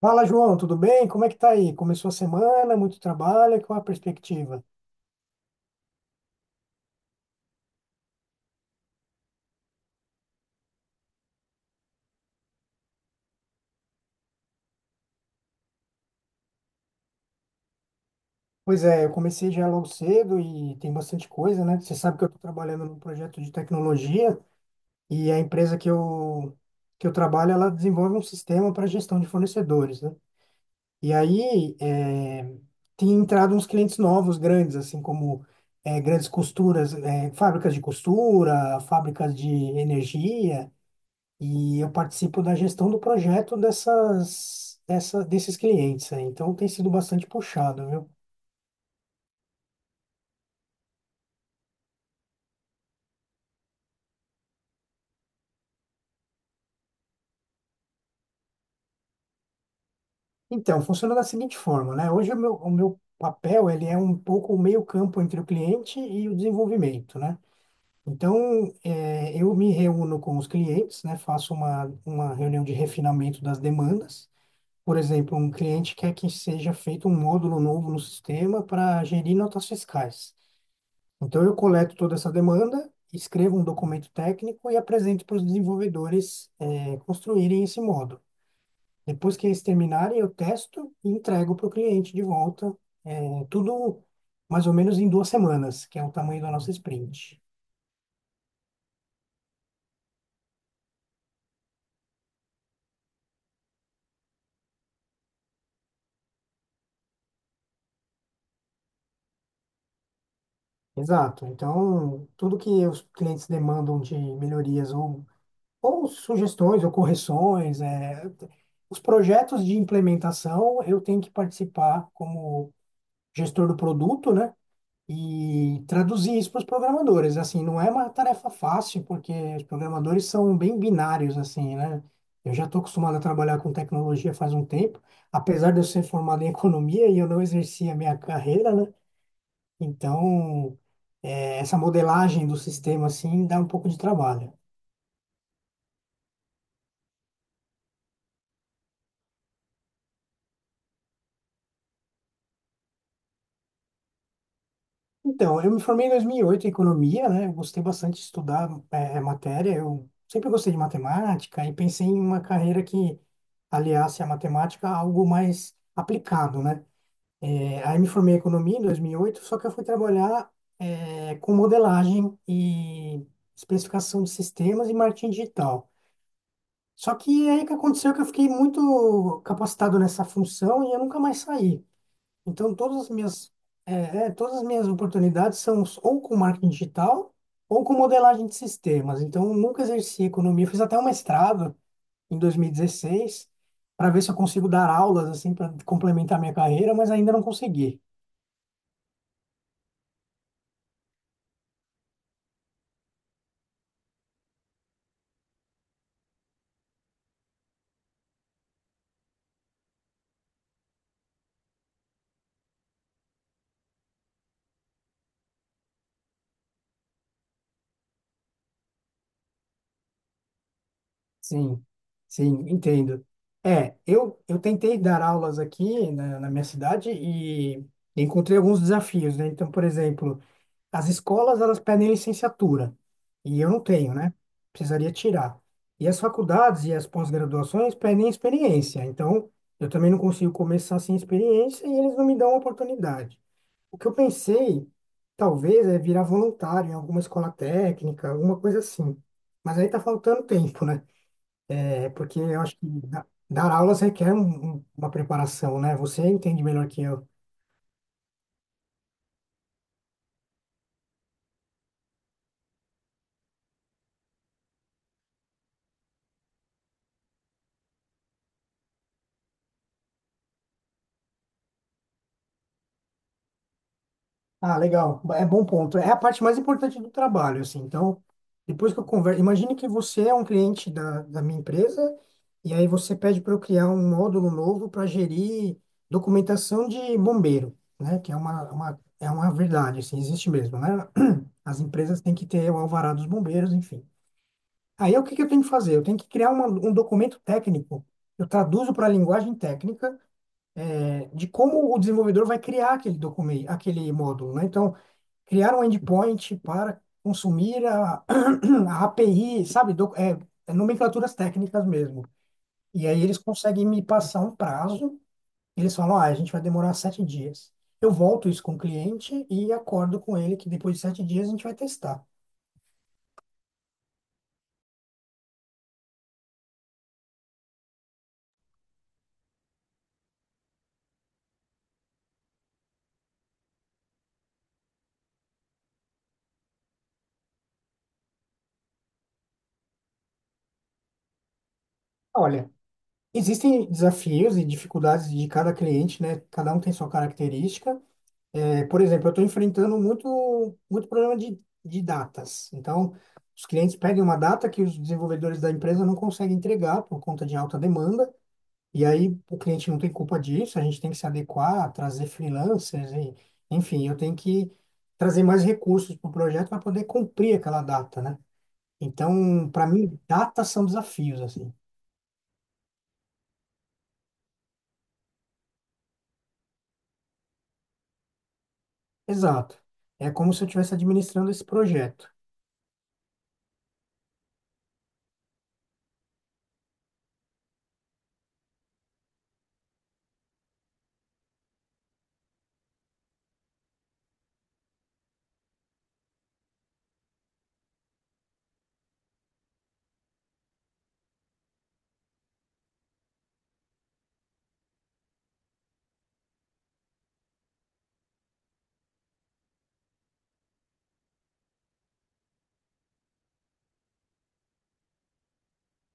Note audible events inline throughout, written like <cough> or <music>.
Fala, João, tudo bem? Como é que tá aí? Começou a semana, muito trabalho, qual a perspectiva? Pois é, eu comecei já logo cedo e tem bastante coisa, né? Você sabe que eu estou trabalhando num projeto de tecnologia e a empresa que eu trabalho, ela desenvolve um sistema para gestão de fornecedores, né? E aí, tem entrado uns clientes novos, grandes, assim como grandes costuras, fábricas de costura, fábricas de energia. E eu participo da gestão do projeto desses clientes aí. Então tem sido bastante puxado, viu? Então, funciona da seguinte forma, né? Hoje o meu papel, ele é um pouco o meio-campo entre o cliente e o desenvolvimento, né? Então, eu me reúno com os clientes, né? Faço uma reunião de refinamento das demandas. Por exemplo, um cliente quer que seja feito um módulo novo no sistema para gerir notas fiscais. Então, eu coleto toda essa demanda, escrevo um documento técnico e apresento para os desenvolvedores, construírem esse módulo. Depois que eles terminarem, eu testo e entrego para o cliente de volta, tudo mais ou menos em 2 semanas, que é o tamanho da nossa sprint. Exato. Então, tudo que os clientes demandam de melhorias ou sugestões ou correções, os projetos de implementação, eu tenho que participar como gestor do produto, né? E traduzir isso para os programadores. Assim, não é uma tarefa fácil, porque os programadores são bem binários, assim, né? Eu já estou acostumado a trabalhar com tecnologia faz um tempo, apesar de eu ser formado em <laughs> economia e eu não exerci a minha carreira, né? Então, essa modelagem do sistema, assim, dá um pouco de trabalho. Então, eu me formei em 2008 em economia, né? Eu gostei bastante de estudar matéria. Eu sempre gostei de matemática e pensei em uma carreira que aliasse a matemática a algo mais aplicado, né? É, aí me formei em economia em 2008, só que eu fui trabalhar com modelagem e especificação de sistemas e marketing digital. Só que aí que aconteceu é que eu fiquei muito capacitado nessa função e eu nunca mais saí. Então, é, todas as minhas oportunidades são ou com marketing digital ou com modelagem de sistemas. Então, eu nunca exerci economia. Eu fiz até um mestrado em 2016 para ver se eu consigo dar aulas assim para complementar minha carreira, mas ainda não consegui. Sim, sim, entendo. É, eu tentei dar aulas aqui na minha cidade e encontrei alguns desafios, né? Então, por exemplo, as escolas, elas pedem licenciatura, e eu não tenho, né? Precisaria tirar. E as faculdades e as pós-graduações pedem experiência, então eu também não consigo começar sem experiência e eles não me dão a oportunidade. O que eu pensei, talvez, é virar voluntário em alguma escola técnica, alguma coisa assim. Mas aí tá faltando tempo, né? É porque eu acho que dar aulas requer uma preparação, né? Você entende melhor que eu. Ah, legal. É bom ponto. É a parte mais importante do trabalho, assim. Então, depois que eu converso, imagine que você é um cliente da minha empresa e aí você pede para eu criar um módulo novo para gerir documentação de bombeiro, né? Que é é uma verdade, assim, existe mesmo, né? As empresas têm que ter o alvará dos bombeiros, enfim. Aí, o que que eu tenho que fazer? Eu tenho que criar um documento técnico. Eu traduzo para a linguagem técnica de como o desenvolvedor vai criar aquele documento, aquele módulo, né? Então, criar um endpoint para consumir a, <clears throat> a API, sabe? É nomenclaturas técnicas mesmo. E aí eles conseguem me passar um prazo, eles falam, ah, a gente vai demorar 7 dias. Eu volto isso com o cliente e acordo com ele que depois de 7 dias a gente vai testar. Olha, existem desafios e dificuldades de cada cliente, né? Cada um tem sua característica. É, por exemplo, eu estou enfrentando muito, muito problema de datas. Então, os clientes pedem uma data que os desenvolvedores da empresa não conseguem entregar por conta de alta demanda, e aí o cliente não tem culpa disso, a gente tem que se adequar, trazer freelancers, e, enfim, eu tenho que trazer mais recursos para o projeto para poder cumprir aquela data, né? Então, para mim, datas são desafios, assim. Exato. É como se eu estivesse administrando esse projeto.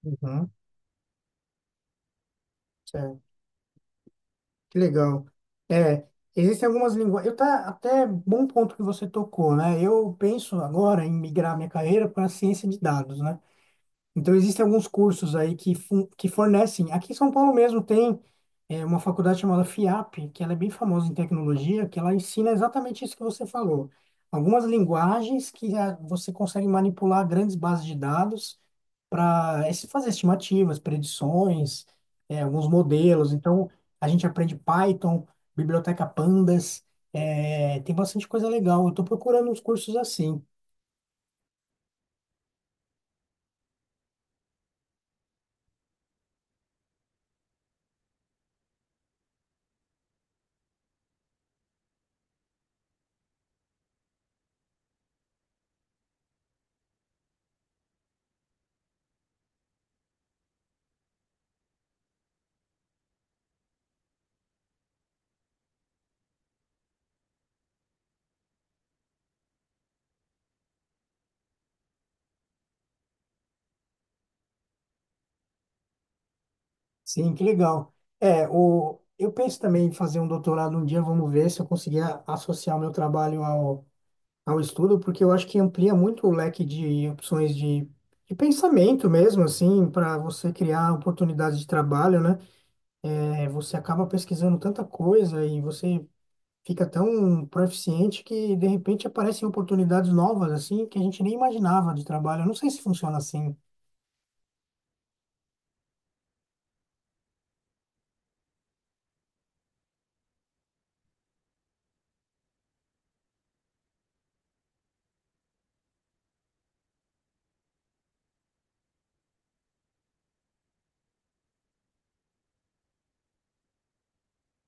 Uhum. Certo. Que legal. É, existem algumas linguagens. Eu, tá, até bom ponto que você tocou, né? Eu penso agora em migrar minha carreira para a ciência de dados, né? Então existem alguns cursos aí que, que fornecem. Aqui em São Paulo mesmo tem uma faculdade chamada FIAP, que ela é bem famosa em tecnologia, que ela ensina exatamente isso que você falou. Algumas linguagens que você consegue manipular grandes bases de dados para fazer estimativas, predições, alguns modelos. Então, a gente aprende Python, biblioteca Pandas, tem bastante coisa legal. Eu estou procurando uns cursos assim. Sim, que legal. É, eu penso também em fazer um doutorado um dia, vamos ver se eu conseguir associar o meu trabalho ao estudo, porque eu acho que amplia muito o leque de opções de pensamento mesmo, assim, para você criar oportunidades de trabalho, né? É, você acaba pesquisando tanta coisa e você fica tão proficiente que de repente aparecem oportunidades novas assim que a gente nem imaginava de trabalho. Eu não sei se funciona assim.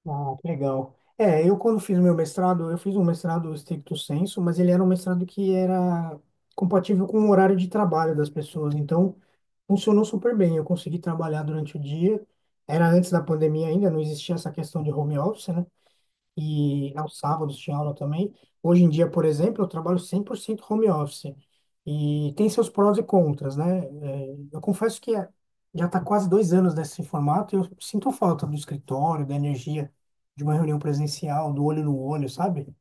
Ah, que legal. É, eu quando fiz meu mestrado, eu fiz um mestrado stricto sensu, mas ele era um mestrado que era compatível com o horário de trabalho das pessoas. Então, funcionou super bem. Eu consegui trabalhar durante o dia. Era antes da pandemia ainda, não existia essa questão de home office, né? E aos sábados tinha aula também. Hoje em dia, por exemplo, eu trabalho 100% home office e tem seus prós e contras, né? Eu confesso que já está quase 2 anos nesse formato e eu sinto falta do escritório, da energia de uma reunião presencial, do olho no olho, sabe?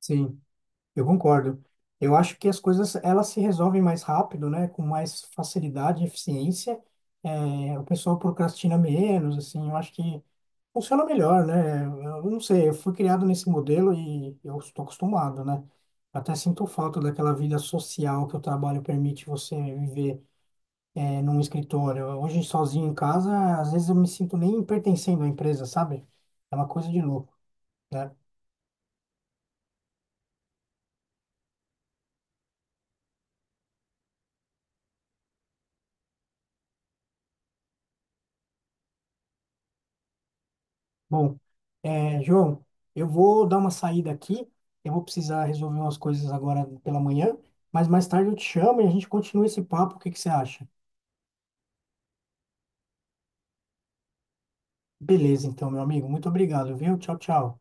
Sim. Eu concordo. Eu acho que as coisas elas se resolvem mais rápido, né? Com mais facilidade e eficiência. É, o pessoal procrastina menos, assim. Eu acho que funciona melhor, né? Eu não sei, eu fui criado nesse modelo e eu estou acostumado, né? Até sinto falta daquela vida social que o trabalho permite você viver num escritório. Hoje, sozinho em casa, às vezes eu me sinto nem pertencendo à empresa, sabe? É uma coisa de louco, né? Bom, João, eu vou dar uma saída aqui. Eu vou precisar resolver umas coisas agora pela manhã, mas mais tarde eu te chamo e a gente continua esse papo. O que que você acha? Beleza, então, meu amigo. Muito obrigado, viu? Tchau, tchau.